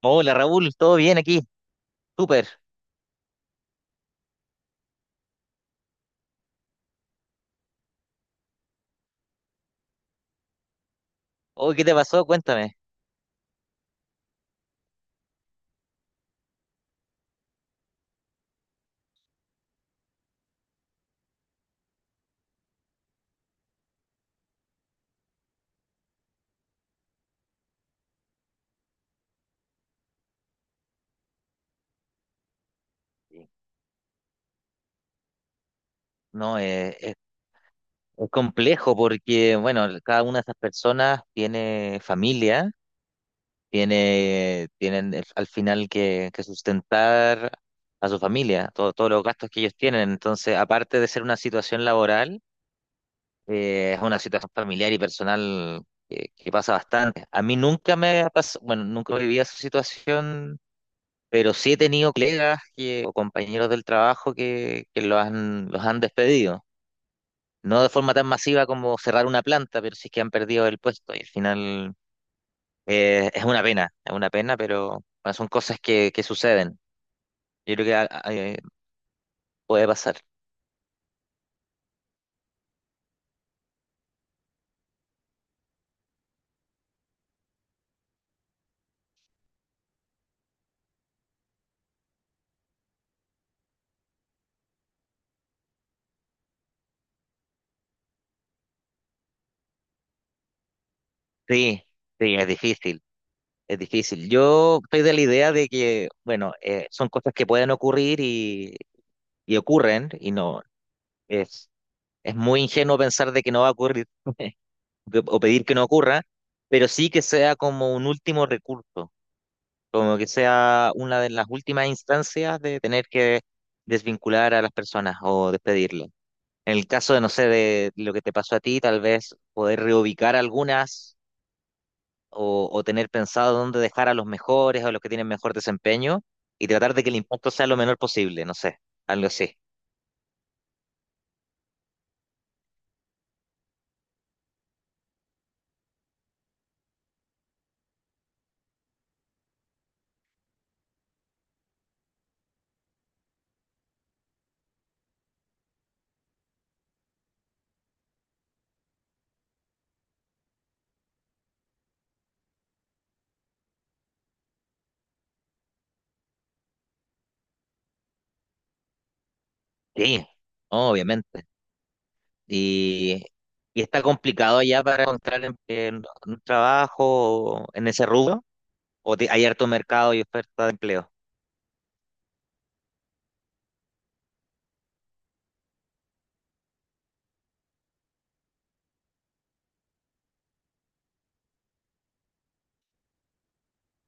Hola Raúl, ¿todo bien aquí? Súper. Hoy, ¿qué te pasó? Cuéntame. Sí. No, es complejo porque, bueno, cada una de esas personas tiene familia, tienen al final que sustentar a su familia, todos los gastos que ellos tienen. Entonces, aparte de ser una situación laboral, es una situación familiar y personal que pasa bastante. A mí nunca me ha pasado, bueno, nunca viví esa situación. Pero sí he tenido colegas o compañeros del trabajo que los han despedido. No de forma tan masiva como cerrar una planta, pero sí que han perdido el puesto. Y al final es una pena, pero bueno, son cosas que suceden. Yo creo que puede pasar. Sí, sí, es difícil, es difícil. Yo estoy de la idea de que, bueno, son cosas que pueden ocurrir y ocurren, y no, es, es muy ingenuo pensar de que no va a ocurrir. O pedir que no ocurra, pero sí que sea como un último recurso, como que sea una de las últimas instancias de tener que desvincular a las personas o despedirlas. En el caso de, no sé, de lo que te pasó a ti, tal vez poder reubicar algunas o tener pensado dónde dejar a los mejores o los que tienen mejor desempeño y tratar de que el impacto sea lo menor posible, no sé, algo así. Sí, obviamente. Y, y está complicado ya para encontrar un trabajo en ese rubro, hay harto mercado y oferta de empleo.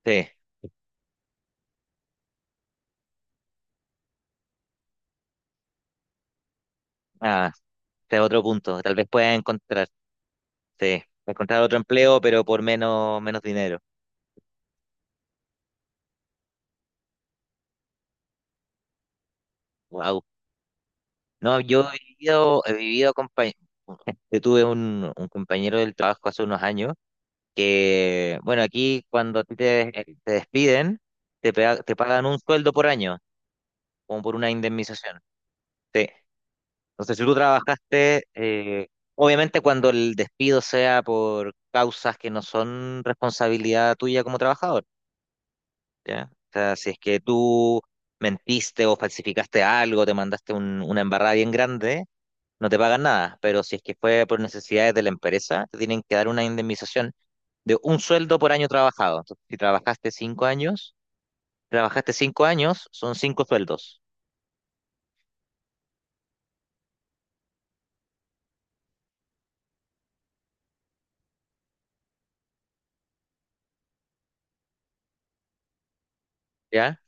Sí, ah, este es otro punto. Tal vez pueda encontrar, sí, encontrar otro empleo, pero por menos dinero. Wow. No, yo he vivido. Yo tuve un compañero del trabajo hace unos años que, bueno, aquí cuando a ti te despiden, te pagan un sueldo por año, como por una indemnización. Sí. No sé si tú trabajaste, obviamente cuando el despido sea por causas que no son responsabilidad tuya como trabajador, ¿ya? O sea, si es que tú mentiste o falsificaste algo, te mandaste una embarrada bien grande, no te pagan nada, pero si es que fue por necesidades de la empresa, te tienen que dar una indemnización de un sueldo por año trabajado. Entonces, si trabajaste cinco años, son cinco sueldos, ¿ya?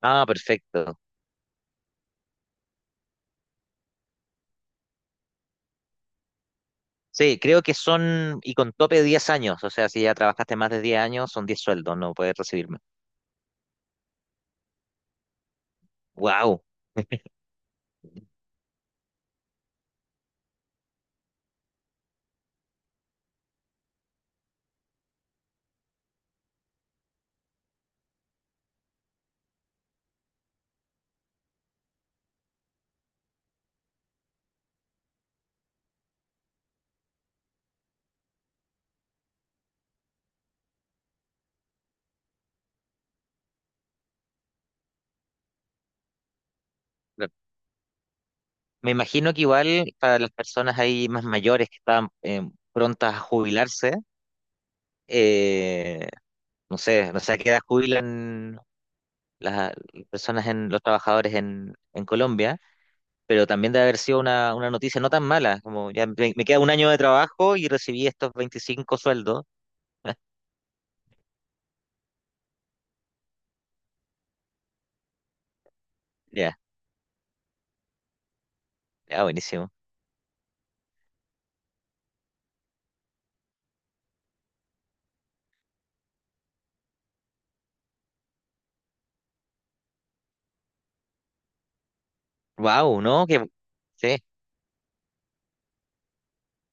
Ah, perfecto. Sí, creo que son, y con tope de 10 años, o sea, si ya trabajaste más de 10 años, son 10 sueldos, no puedes recibirme. ¡Wow! Me imagino que igual para las personas ahí más mayores que estaban prontas a jubilarse, eh, no sé a qué edad jubilan las personas, los trabajadores en Colombia, pero también debe haber sido una noticia no tan mala, como ya me queda un año de trabajo y recibí estos 25 sueldos. Ya, ya, buenísimo. ¡Wow! ¿No? Sí.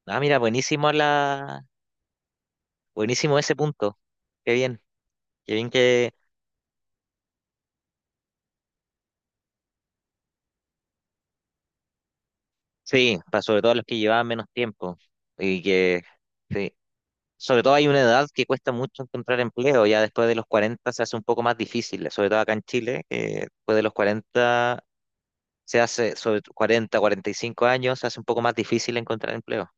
Ah, mira, buenísimo ese punto. Qué bien, qué bien que, sí, para sobre todo los que llevaban menos tiempo y que, sí, sobre todo hay una edad que cuesta mucho encontrar empleo, ya después de los 40 se hace un poco más difícil, sobre todo acá en Chile, que después de los 40 sobre 40, 45 años se hace un poco más difícil encontrar empleo.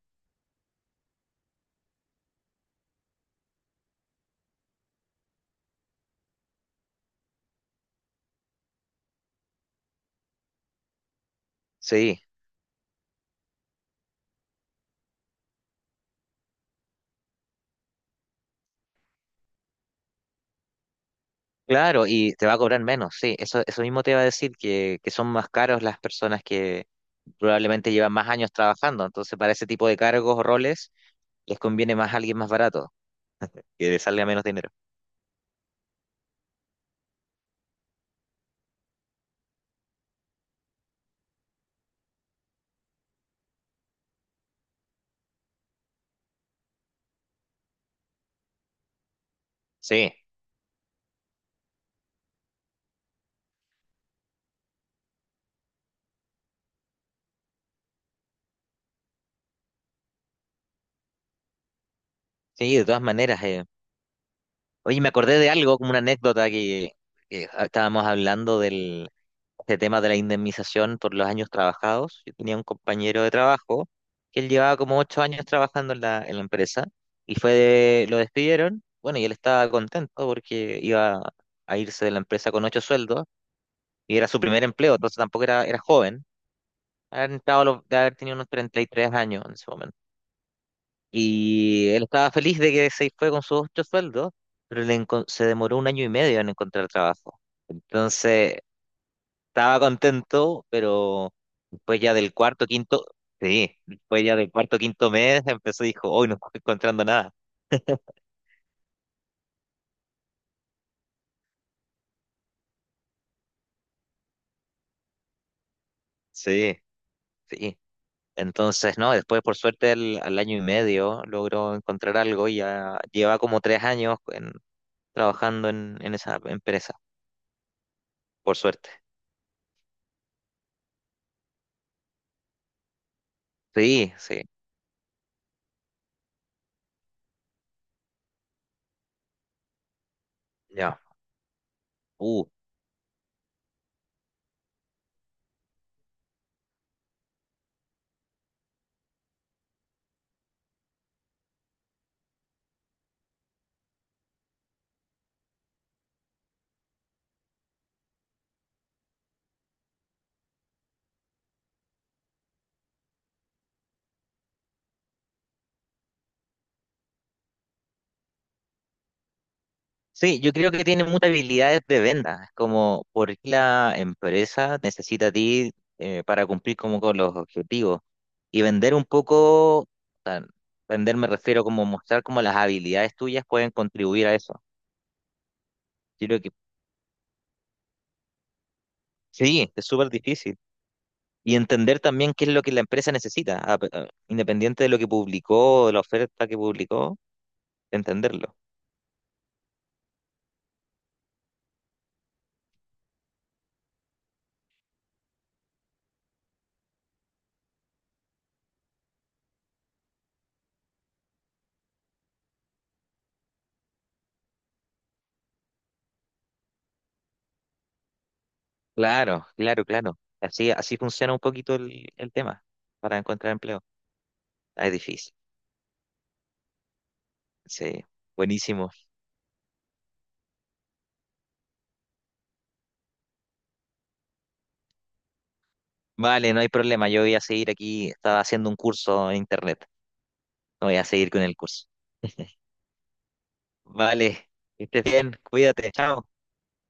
Sí, claro, y te va a cobrar menos, sí. Eso mismo te iba a decir, que son más caros las personas que probablemente llevan más años trabajando. Entonces, para ese tipo de cargos o roles, les conviene más alguien más barato, que le salga menos dinero. Sí, sí, de todas maneras. Oye, me acordé de algo, como una anécdota que, estábamos hablando del este tema de la indemnización por los años trabajados. Yo tenía un compañero de trabajo que él llevaba como 8 años trabajando en la empresa y fue lo despidieron. Bueno, y él estaba contento porque iba a irse de la empresa con ocho sueldos y era su primer empleo, entonces tampoco era joven. Había entrado de haber tenido unos 33 años en ese momento. Y él estaba feliz de que se fue con sus ocho sueldos, pero se demoró un año y medio en encontrar trabajo. Entonces, estaba contento, pero después ya del cuarto, quinto, sí, después ya del cuarto, quinto mes empezó y dijo, hoy no estoy encontrando nada. Sí, sí. Entonces, no, después por suerte al año y medio logró encontrar algo y ya lleva como 3 años trabajando en esa empresa, por suerte. Sí, sí, ya. Uh, Sí, yo creo que tiene muchas habilidades de venta, como por qué la empresa necesita a ti para cumplir como con los objetivos y vender un poco, o sea, vender me refiero como mostrar como las habilidades tuyas pueden contribuir a eso. Yo creo que sí, es súper difícil. Y entender también qué es lo que la empresa necesita, independiente de lo que publicó, de la oferta que publicó, entenderlo. Claro, claro, claro. Así, así funciona un poquito el tema para encontrar empleo. Ah, es difícil. Sí, buenísimo. Vale, no hay problema. Yo voy a seguir aquí. Estaba haciendo un curso en internet. Voy a seguir con el curso. Vale, que estés bien. Cuídate. Chao.